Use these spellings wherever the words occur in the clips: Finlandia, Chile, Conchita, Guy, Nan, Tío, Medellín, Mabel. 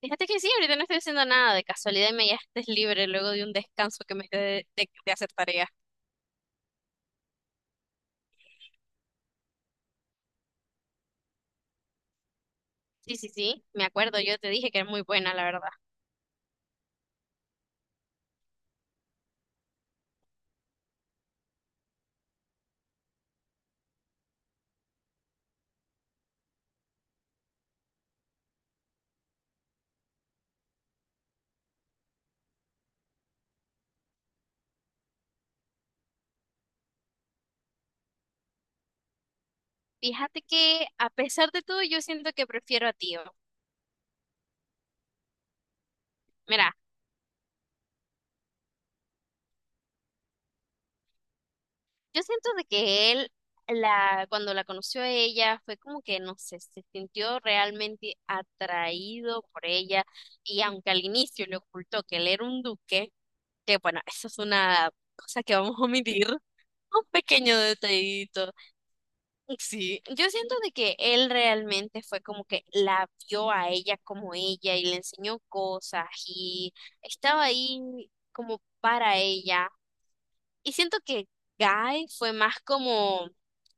Fíjate que sí, ahorita no estoy haciendo nada. De casualidad me estés libre luego de un descanso que me dio de hacer tareas. Sí, sí, sí, me acuerdo. Yo te dije que era muy buena, la verdad. Fíjate que a pesar de todo, yo siento que prefiero a Tío. Mira, yo siento de que él, la, cuando la conoció a ella, fue como que, no sé, se sintió realmente atraído por ella. Y aunque al inicio le ocultó que él era un duque, que bueno, eso es una cosa que vamos a omitir, un pequeño detallito. Sí, yo siento de que él realmente fue como que la vio a ella como ella y le enseñó cosas y estaba ahí como para ella. Y siento que Guy fue más como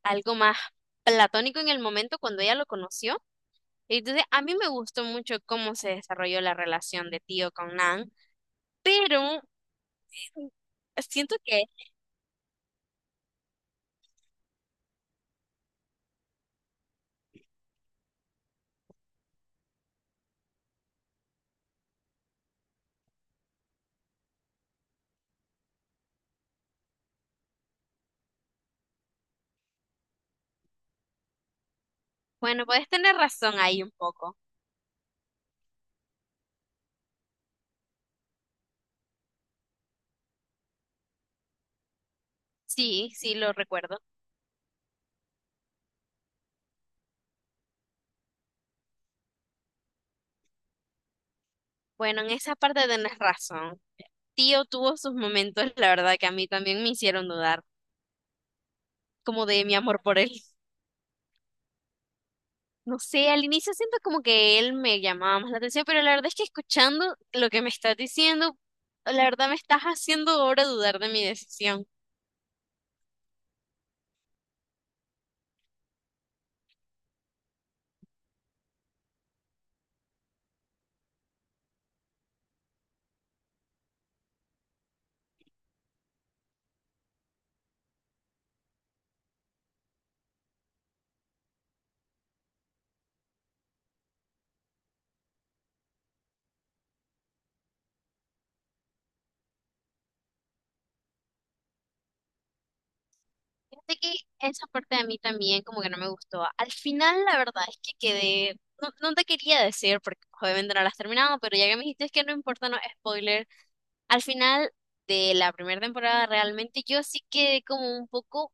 algo más platónico en el momento cuando ella lo conoció. Y entonces, a mí me gustó mucho cómo se desarrolló la relación de Tío con Nan, pero siento que, bueno, puedes tener razón ahí un poco. Sí, sí, lo recuerdo. Bueno, en esa parte tenés razón. Tío tuvo sus momentos, la verdad, que a mí también me hicieron dudar, como de mi amor por él. No sé, al inicio siento como que él me llamaba más la atención, pero la verdad es que escuchando lo que me estás diciendo, la verdad me estás haciendo ahora dudar de mi decisión. Fíjate que esa parte de mí también como que no me gustó. Al final, la verdad es que quedé, no, no te quería decir porque pues, obviamente no la has terminado, pero ya que me dijiste es que no importa, no spoiler. Al final de la primera temporada realmente yo sí quedé como un poco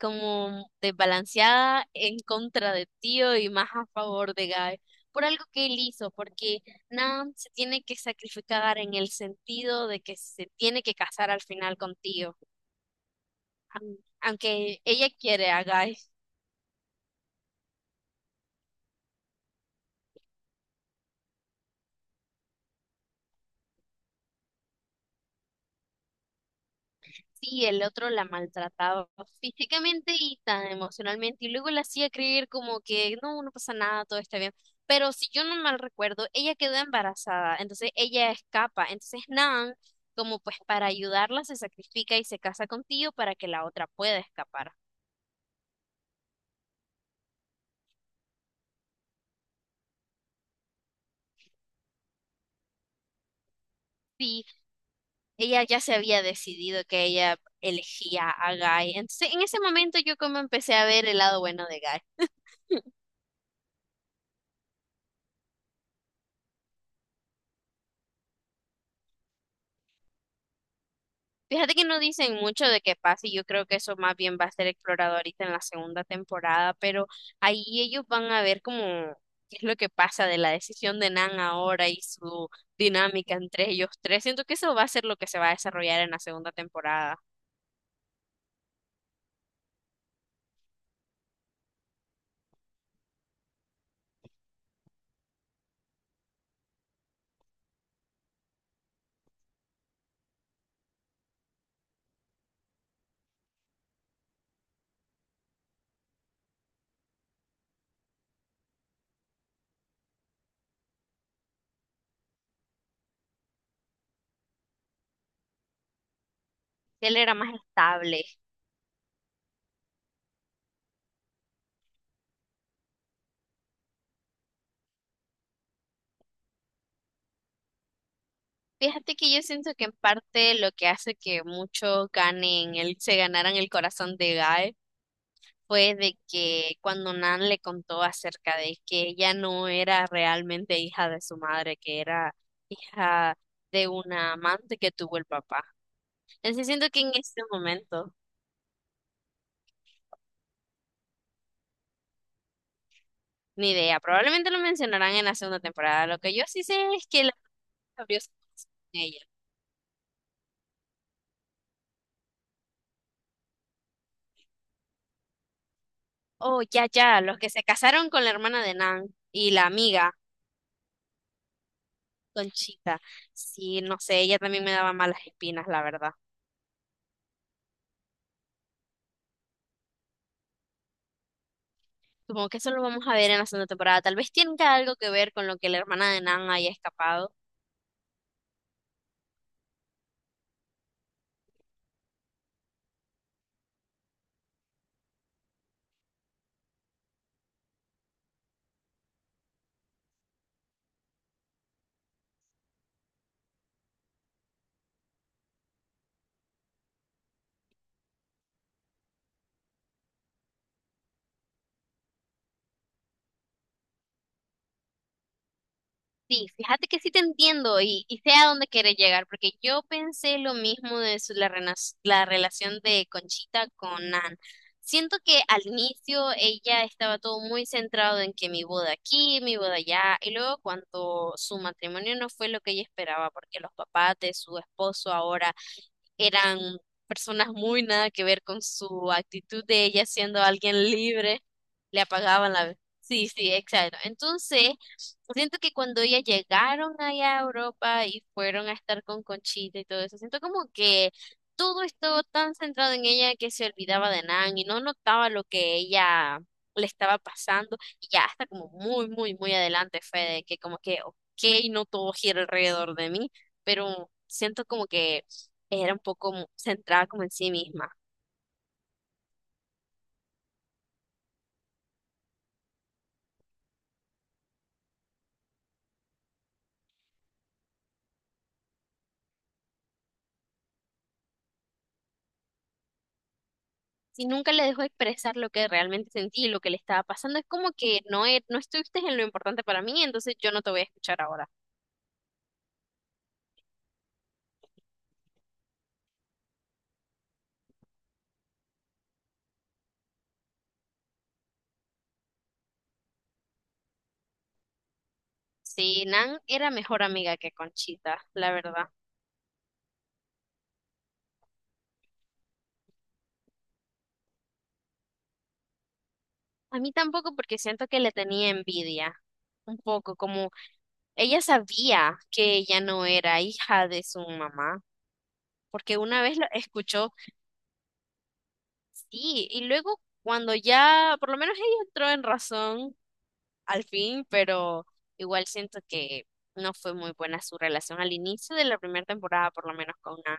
como desbalanceada en contra de Tío y más a favor de Guy por algo que él hizo, porque Nam se tiene que sacrificar en el sentido de que se tiene que casar al final con Tío, aunque ella quiere a Guy. Sí, el otro la maltrataba físicamente y tan emocionalmente y luego la hacía creer como que no, no pasa nada, todo está bien. Pero si yo no mal recuerdo, ella quedó embarazada, entonces ella escapa, entonces Nan, como pues para ayudarla, se sacrifica y se casa con Tío para que la otra pueda escapar. Sí, ella ya se había decidido que ella elegía a Guy, entonces en ese momento yo como empecé a ver el lado bueno de Guy. Fíjate que no dicen mucho de qué pasa y yo creo que eso más bien va a ser explorado ahorita en la segunda temporada, pero ahí ellos van a ver como qué es lo que pasa de la decisión de Nan ahora y su dinámica entre ellos tres. Siento que eso va a ser lo que se va a desarrollar en la segunda temporada. Él era más estable. Fíjate que yo siento que en parte lo que hace que muchos ganen, el, se ganaran el corazón de Guy fue de que cuando Nan le contó acerca de que ella no era realmente hija de su madre, que era hija de una amante que tuvo el papá. Entonces siento que en este momento, ni idea, probablemente lo mencionarán en la segunda temporada. Lo que yo sí sé es que la abrió su corazón con ella. Oh, ya, ya, los que se casaron con la hermana de Nan y la amiga, Conchita. Sí, no sé, ella también me daba malas espinas, la verdad. Supongo que eso lo vamos a ver en la segunda temporada. Tal vez tenga algo que ver con lo que la hermana de Nan haya escapado. Sí, fíjate que sí te entiendo y sé a dónde quieres llegar, porque yo pensé lo mismo de la relación de Conchita con Nan. Siento que al inicio ella estaba todo muy centrado en que mi boda aquí, mi boda allá, y luego cuando su matrimonio no fue lo que ella esperaba, porque los papás de su esposo ahora eran personas muy nada que ver con su actitud de ella siendo alguien libre, le apagaban la... Sí, sí, exacto. Entonces, siento que cuando ellas llegaron allá a Europa y fueron a estar con Conchita y todo eso, siento como que todo estuvo tan centrado en ella que se olvidaba de Nan y no notaba lo que ella le estaba pasando y ya hasta como muy, muy, muy adelante fue de que como que, ok, no todo gira alrededor de mí, pero siento como que era un poco centrada como en sí misma. Si nunca le dejó expresar lo que realmente sentí y lo que le estaba pasando, es como que no, no estuviste en lo importante para mí, entonces yo no te voy a escuchar ahora. Sí, Nan era mejor amiga que Conchita, la verdad. A mí tampoco porque siento que le tenía envidia, un poco, como ella sabía que ella no era hija de su mamá, porque una vez lo escuchó, sí, y luego cuando ya, por lo menos ella entró en razón al fin, pero igual siento que no fue muy buena su relación al inicio de la primera temporada, por lo menos con Nan.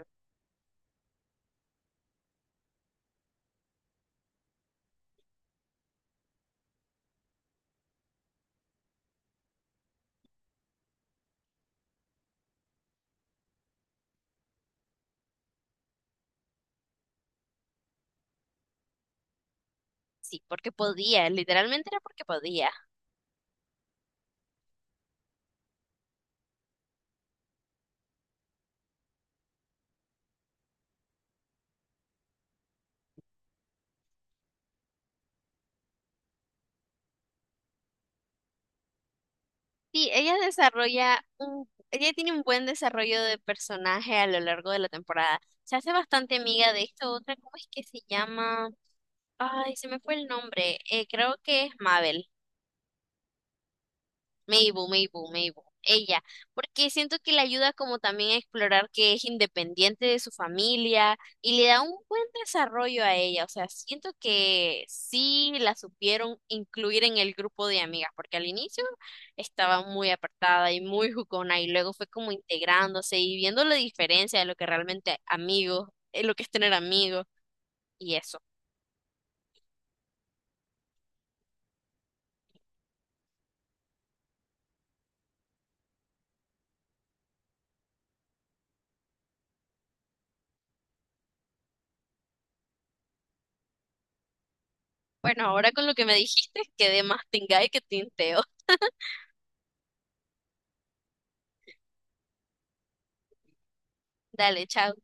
Sí, porque podía, literalmente era porque podía. Sí, ella desarrolla un, ella tiene un buen desarrollo de personaje a lo largo de la temporada. Se hace bastante amiga de esta otra, ¿cómo es que se llama? Ay, se me fue el nombre. Creo que es Mabel. Mabel, Mabel, Mabel, ella, porque siento que le ayuda como también a explorar que es independiente de su familia y le da un buen desarrollo a ella, o sea, siento que sí la supieron incluir en el grupo de amigas, porque al inicio estaba muy apartada y muy jugona y luego fue como integrándose y viendo la diferencia de lo que realmente amigos, lo que es tener amigos y eso. Bueno, ahora con lo que me dijiste, quedé más tingay que tinteo. Dale, chao.